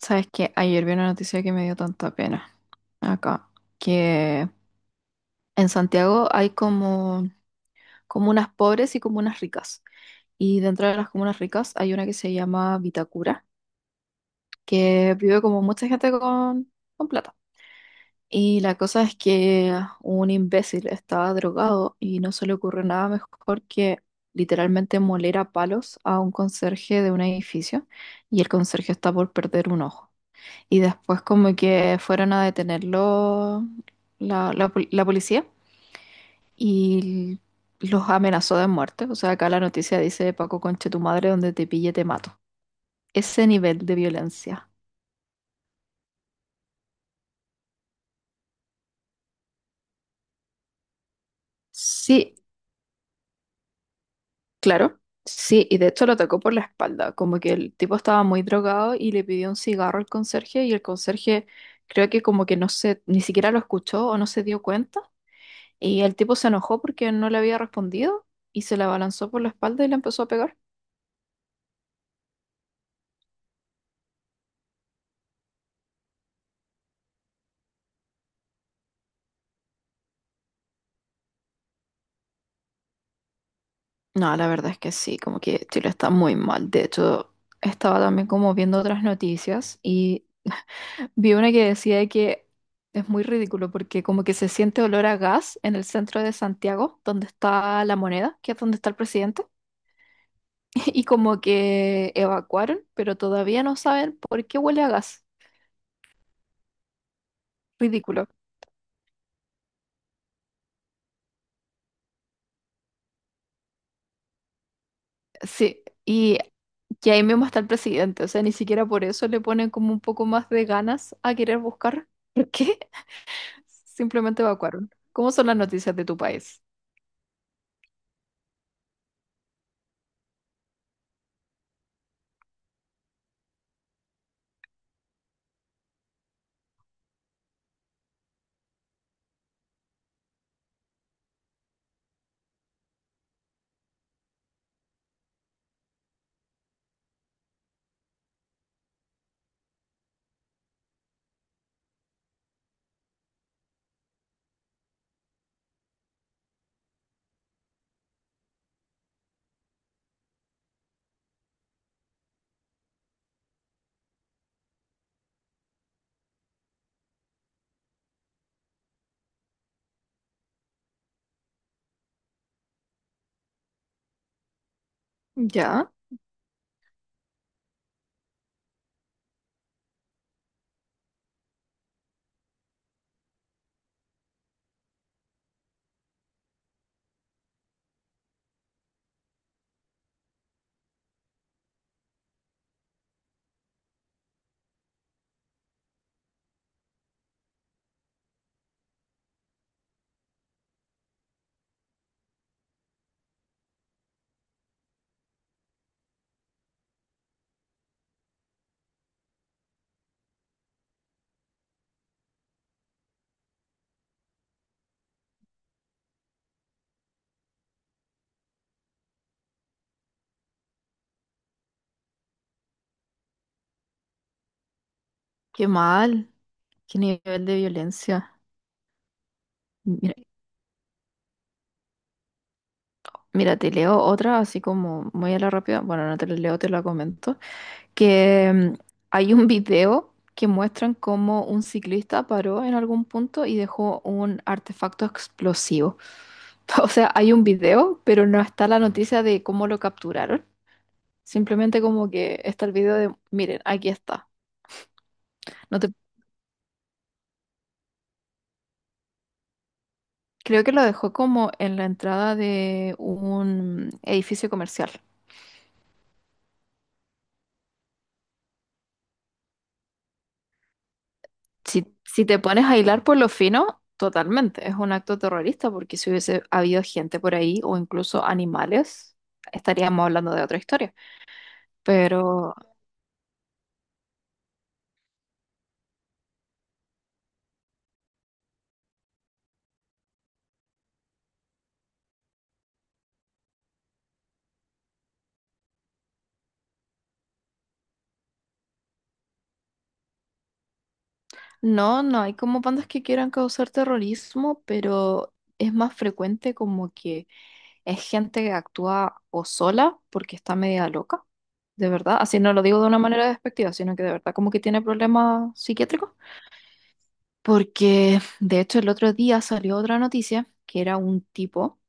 Sabes que ayer vi una noticia que me dio tanta pena acá, que en Santiago hay como comunas pobres y comunas ricas. Y dentro de las comunas ricas hay una que se llama Vitacura, que vive como mucha gente con plata. Y la cosa es que un imbécil estaba drogado y no se le ocurre nada mejor que literalmente moler a palos a un conserje de un edificio y el conserje está por perder un ojo. Y después como que fueron a detenerlo la policía y los amenazó de muerte. O sea, acá la noticia dice, Paco, conche tu madre, donde te pille te mato. Ese nivel de violencia. Sí, claro. Sí, y de hecho lo atacó por la espalda, como que el tipo estaba muy drogado y le pidió un cigarro al conserje y el conserje creo que como que no se, ni siquiera lo escuchó o no se dio cuenta y el tipo se enojó porque no le había respondido y se le abalanzó por la espalda y le empezó a pegar. No, la verdad es que sí, como que Chile está muy mal. De hecho, estaba también como viendo otras noticias y vi una que decía que es muy ridículo porque como que se siente olor a gas en el centro de Santiago, donde está la moneda, que es donde está el presidente, y como que evacuaron, pero todavía no saben por qué huele a gas. Ridículo. Sí, y que ahí mismo está el presidente, o sea, ni siquiera por eso le ponen como un poco más de ganas a querer buscar. ¿Por qué? Simplemente evacuaron. ¿Cómo son las noticias de tu país? Ya, qué mal, qué nivel de violencia. Mira, mira, te leo otra así como muy a la rápida. Bueno, no te la leo, te la comento. Que hay un video que muestran cómo un ciclista paró en algún punto y dejó un artefacto explosivo. O sea, hay un video, pero no está la noticia de cómo lo capturaron. Simplemente como que está el video de, miren, aquí está. No te Creo que lo dejó como en la entrada de un edificio comercial. Si te pones a hilar por lo fino, totalmente, es un acto terrorista porque si hubiese habido gente por ahí o incluso animales, estaríamos hablando de otra historia. Pero no, no hay como bandas que quieran causar terrorismo, pero es más frecuente como que es gente que actúa o sola porque está media loca, de verdad. Así no lo digo de una manera despectiva, sino que de verdad como que tiene problemas psiquiátricos. Porque de hecho el otro día salió otra noticia que era un tipo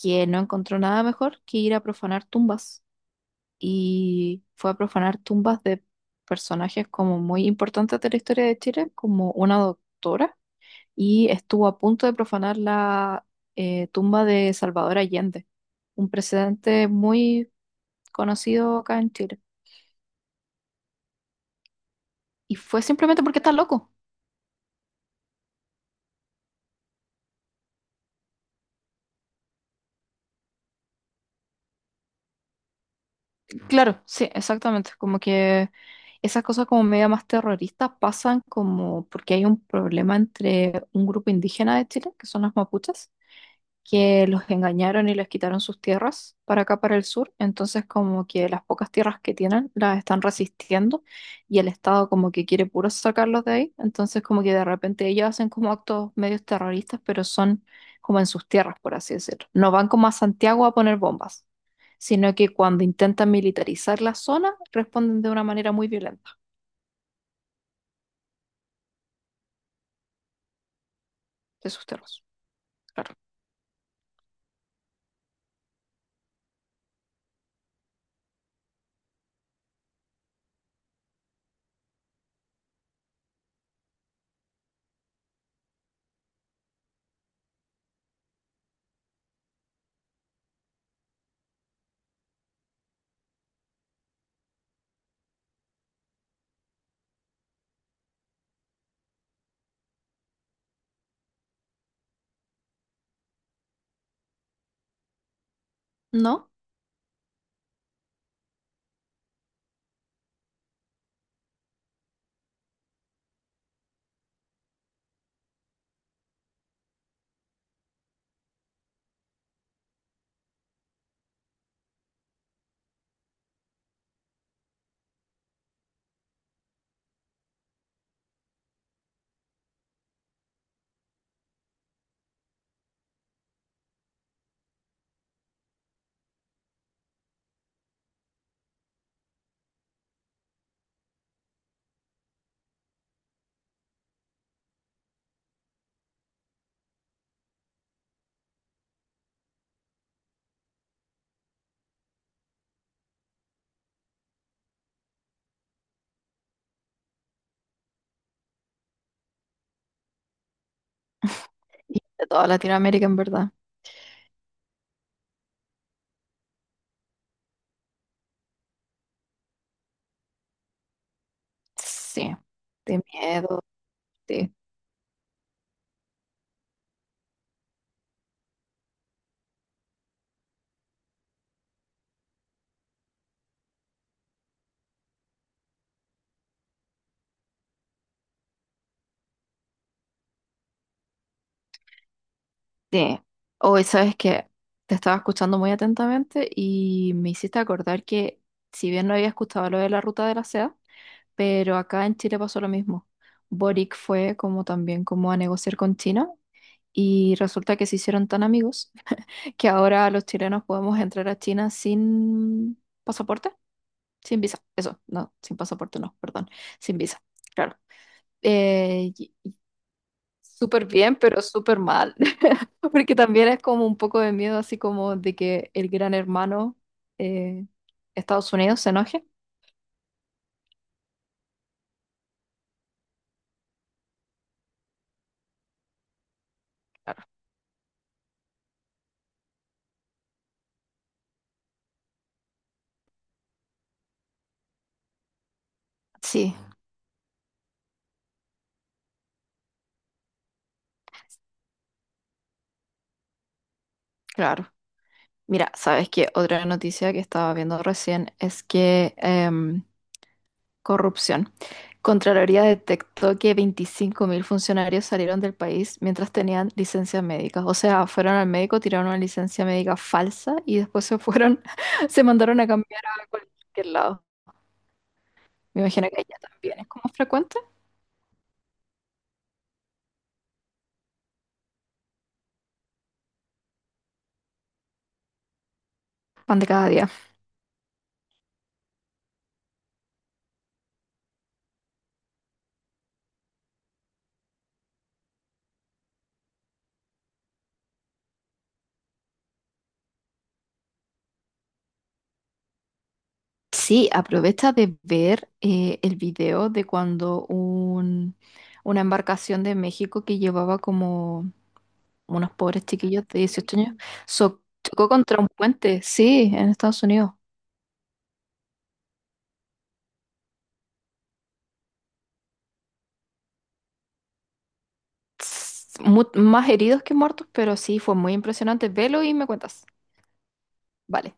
que no encontró nada mejor que ir a profanar tumbas y fue a profanar tumbas de personajes como muy importantes de la historia de Chile, como una doctora, y estuvo a punto de profanar la tumba de Salvador Allende, un presidente muy conocido acá en Chile. Y fue simplemente porque está loco. Claro, sí, exactamente. Como que esas cosas como media más terroristas pasan como porque hay un problema entre un grupo indígena de Chile, que son las mapuches, que los engañaron y les quitaron sus tierras para acá, para el sur. Entonces, como que las pocas tierras que tienen las están resistiendo y el Estado como que quiere puro sacarlos de ahí. Entonces, como que de repente ellos hacen como actos medios terroristas, pero son como en sus tierras, por así decirlo. No van como a Santiago a poner bombas, sino que cuando intentan militarizar la zona, responden de una manera muy violenta de sus tierras. Claro. ¿No? Y de toda Latinoamérica, en verdad. Sí. De miedo. Sí. Sí, hoy sabes que te estaba escuchando muy atentamente y me hiciste acordar que si bien no había escuchado lo de la ruta de la seda, pero acá en Chile pasó lo mismo. Boric fue como también como a negociar con China y resulta que se hicieron tan amigos que ahora los chilenos podemos entrar a China sin pasaporte, sin visa, eso, no, sin pasaporte no, perdón, sin visa, claro. Y, súper bien, pero súper mal. Porque también es como un poco de miedo, así como de que el gran hermano eh, Estados Unidos se enoje. Claro. Sí, claro. Mira, ¿sabes qué? Otra noticia que estaba viendo recién es que corrupción. Contraloría detectó que 25.000 funcionarios salieron del país mientras tenían licencias médicas. O sea, fueron al médico, tiraron una licencia médica falsa y después se fueron, se mandaron a cambiar a cualquier lado. Me imagino que allá también es como frecuente. Pan de cada día. Sí, aprovecha de ver el video de cuando una embarcación de México que llevaba como unos pobres chiquillos de 18 años chocó contra un puente, sí, en Estados Unidos. Tss, más heridos que muertos, pero sí, fue muy impresionante. Velo y me cuentas. Vale.